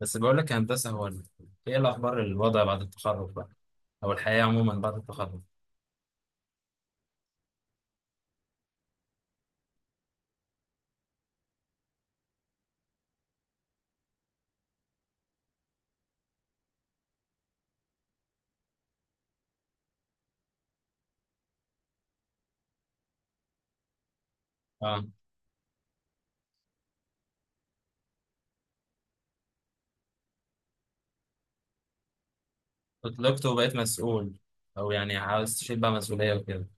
بس بقول لك يا هندسة، ايه الأخبار؟ الوضع بعد التخرج بقى، أو الحياة عموما بعد التخرج. اه، اتطلقت وبقيت مسؤول. أو يعني عاوز تشيل بقى مسؤولية وكده.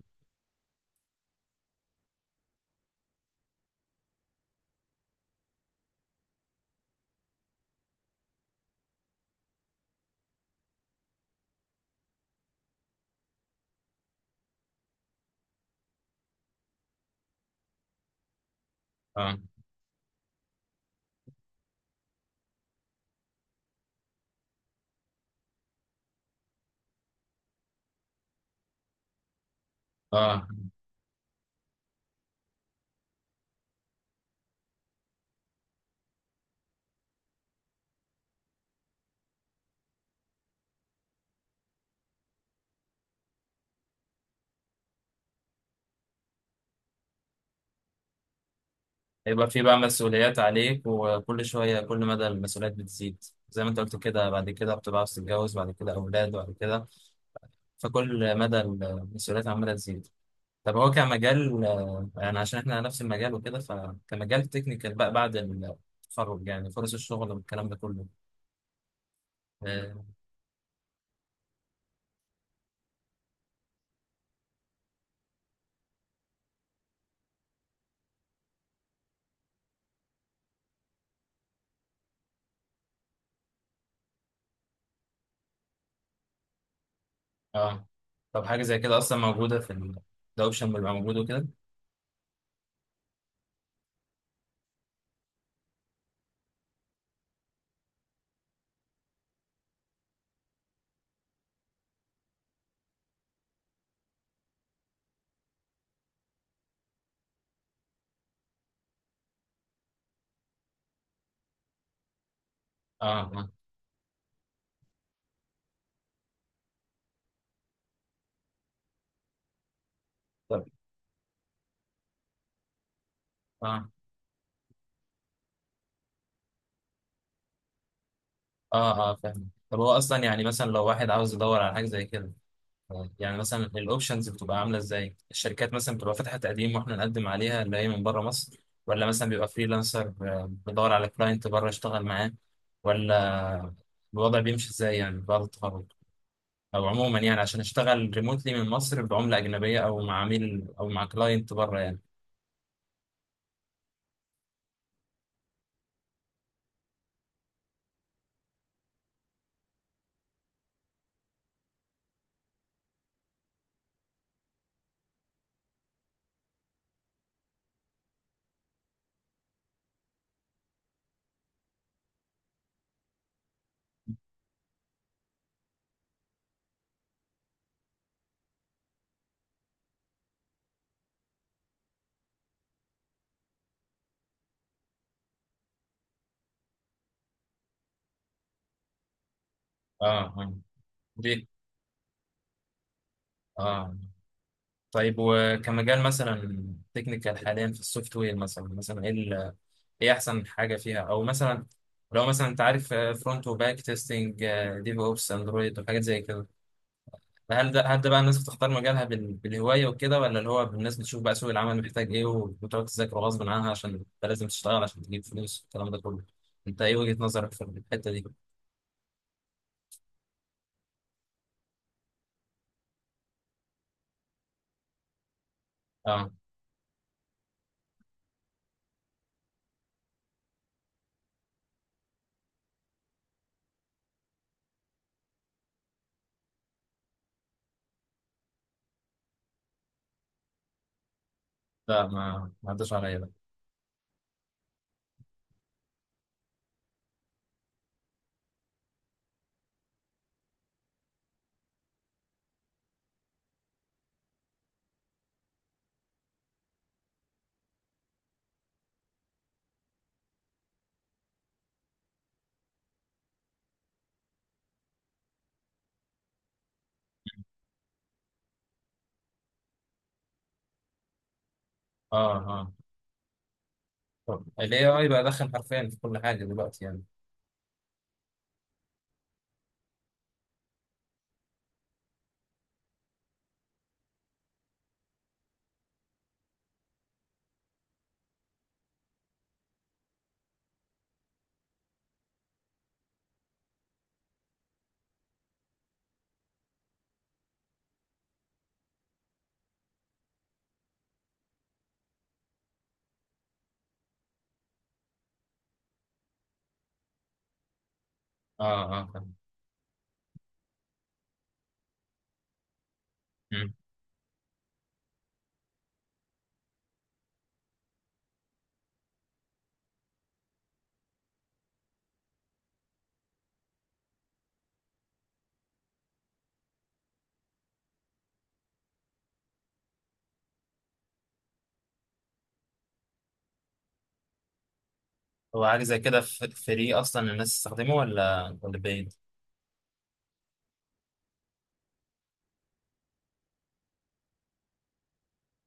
اه. اه. هيبقى في بقى مسؤوليات عليك، وكل شوية كل مدى المسؤوليات بتزيد. زي ما انت قلت كده، بعد كده بتبقى عاوز تتجوز، بعد كده أولاد، بعد كده فكل مدى المسؤوليات عمالة تزيد. طب هو كمجال، يعني عشان احنا نفس المجال وكده، فكمجال تكنيكال بقى بعد التخرج، يعني فرص الشغل والكلام ده كله. آه. اه، طب حاجة زي كده أصلا موجودة في ال. ده أوبشن بيبقى موجود وكده. اه، اه. طب. اه، اه، اه، فاهم. طب هو أصلا يعني مثلا لو واحد عاوز يدور على حاجة زي كده، آه، يعني مثلا الأوبشنز بتبقى عاملة إزاي؟ الشركات مثلا بتبقى فاتحة تقديم وإحنا نقدم عليها اللي هي من بره مصر؟ ولا مثلا بيبقى فريلانسر، بيدور على كلاينت بره يشتغل معاه؟ ولا الوضع بيمشي إزاي يعني بعد التخرج؟ أو عموما يعني عشان أشتغل ريموتلي من مصر بعملة أجنبية، أو مع عميل أو مع كلاينت بره يعني. اه. اه. دي. اه. طيب، وكمجال مثلا تكنيكال حاليا في السوفت وير، مثلا مثلا ايه ايه احسن حاجه فيها، او مثلا لو مثلا انت عارف فرونت وباك تيستنج، ديف اوبس، اندرويد وحاجات زي كده. هل ده بقى الناس بتختار مجالها بالهوايه وكده، ولا اللي هو الناس بتشوف بقى سوق العمل محتاج ايه، وبتقعد تذاكر غصب عنها عشان انت لازم تشتغل عشان تجيب فلوس والكلام ده كله؟ انت ايه وجهه نظرك في الحته دي؟ اه، لا، ما عداش عليا ده. اه، اه، الاي اي بقى دخل حرفيا في كل حاجه دلوقتي يعني. اه، اه، فاهم. مم. هو حاجة زي كده. فري أصلا الناس تستخدمه، ولا بيد؟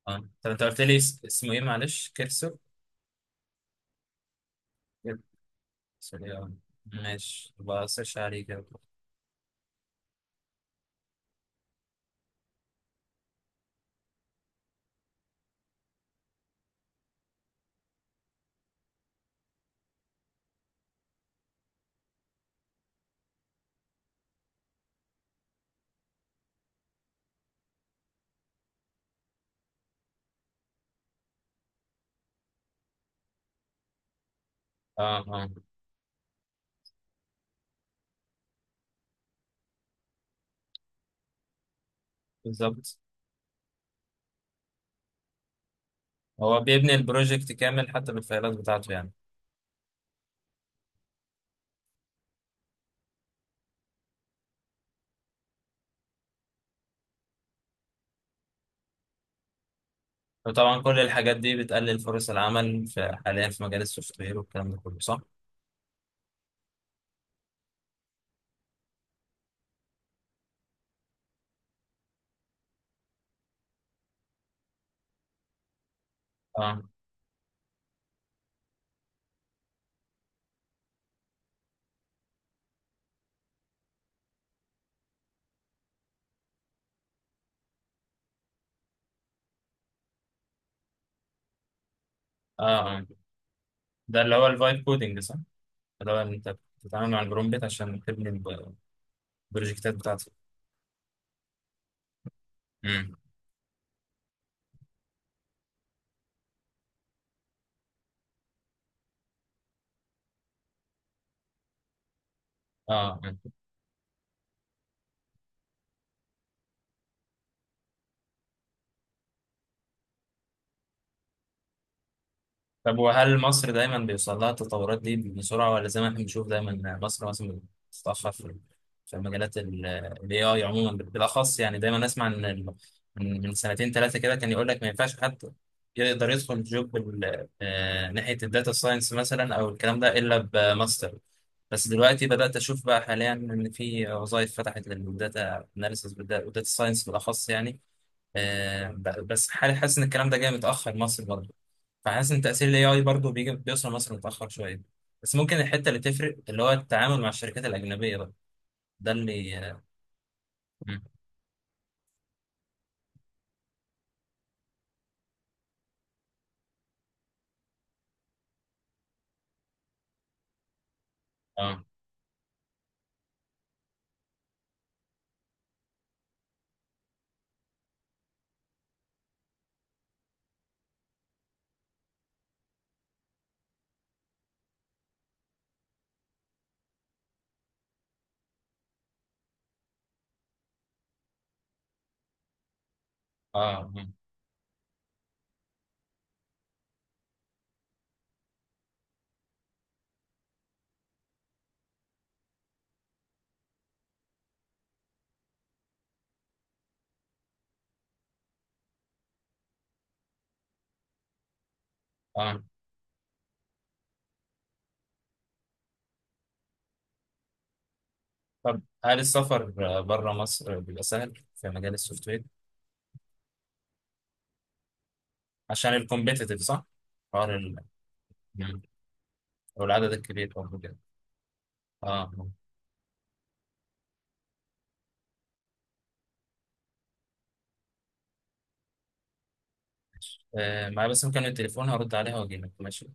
اه، طب أنت قلت لي اسمه إيه معلش؟ كيرسو؟ كيرسو. آه. ماشي، يبقى سيرش عليه كده. اه، اه، بالظبط. هو بيبني البروجكت كامل حتى بالفايلات بتاعته يعني. وطبعا كل الحاجات دي بتقلل فرص العمل في حاليا في مجال السوفت وير والكلام ده كله، صح؟ اه، اه، اه، ده اللي هو الفايب كودنج صح؟ اللي هو أنت بتتعامل مع البرومبت عشان تبني البروجكتات بتاعتك. امم. اه، طب وهل مصر دايما بيوصل لها التطورات دي بسرعة، ولا زي ما احنا بنشوف دايما مصر مثلا بتتأخر في مجالات ال AI عموما بالأخص؟ يعني دايما أسمع إن من سنتين 3 كده، كان يقول لك ما ينفعش حد يقدر يدخل جوب ناحية الداتا ساينس مثلا أو الكلام ده إلا بماستر. بس دلوقتي بدأت أشوف بقى حاليا إن في وظائف فتحت للداتا أناليسيس والداتا ساينس بالأخص يعني. بس حالي حاسس إن الكلام ده جاي متأخر مصر برضه. فحاسس ان تأثير الاي اي برضه بيجي بيوصل مصر متأخر شوية. بس ممكن الحتة اللي تفرق اللي هو التعامل مع الشركات الأجنبية بقى، ده اللي. اه، اه، اه. مم. آه. طب هل السفر بره مصر بيبقى سهل في مجال السوفت وير؟ عشان الكومبيتيتيف صح؟ حوار ال. مم. والعدد الكبير برضه كده. اه. آه، معايا بس مكالمة التليفون هرد عليها واجيلك ماشي.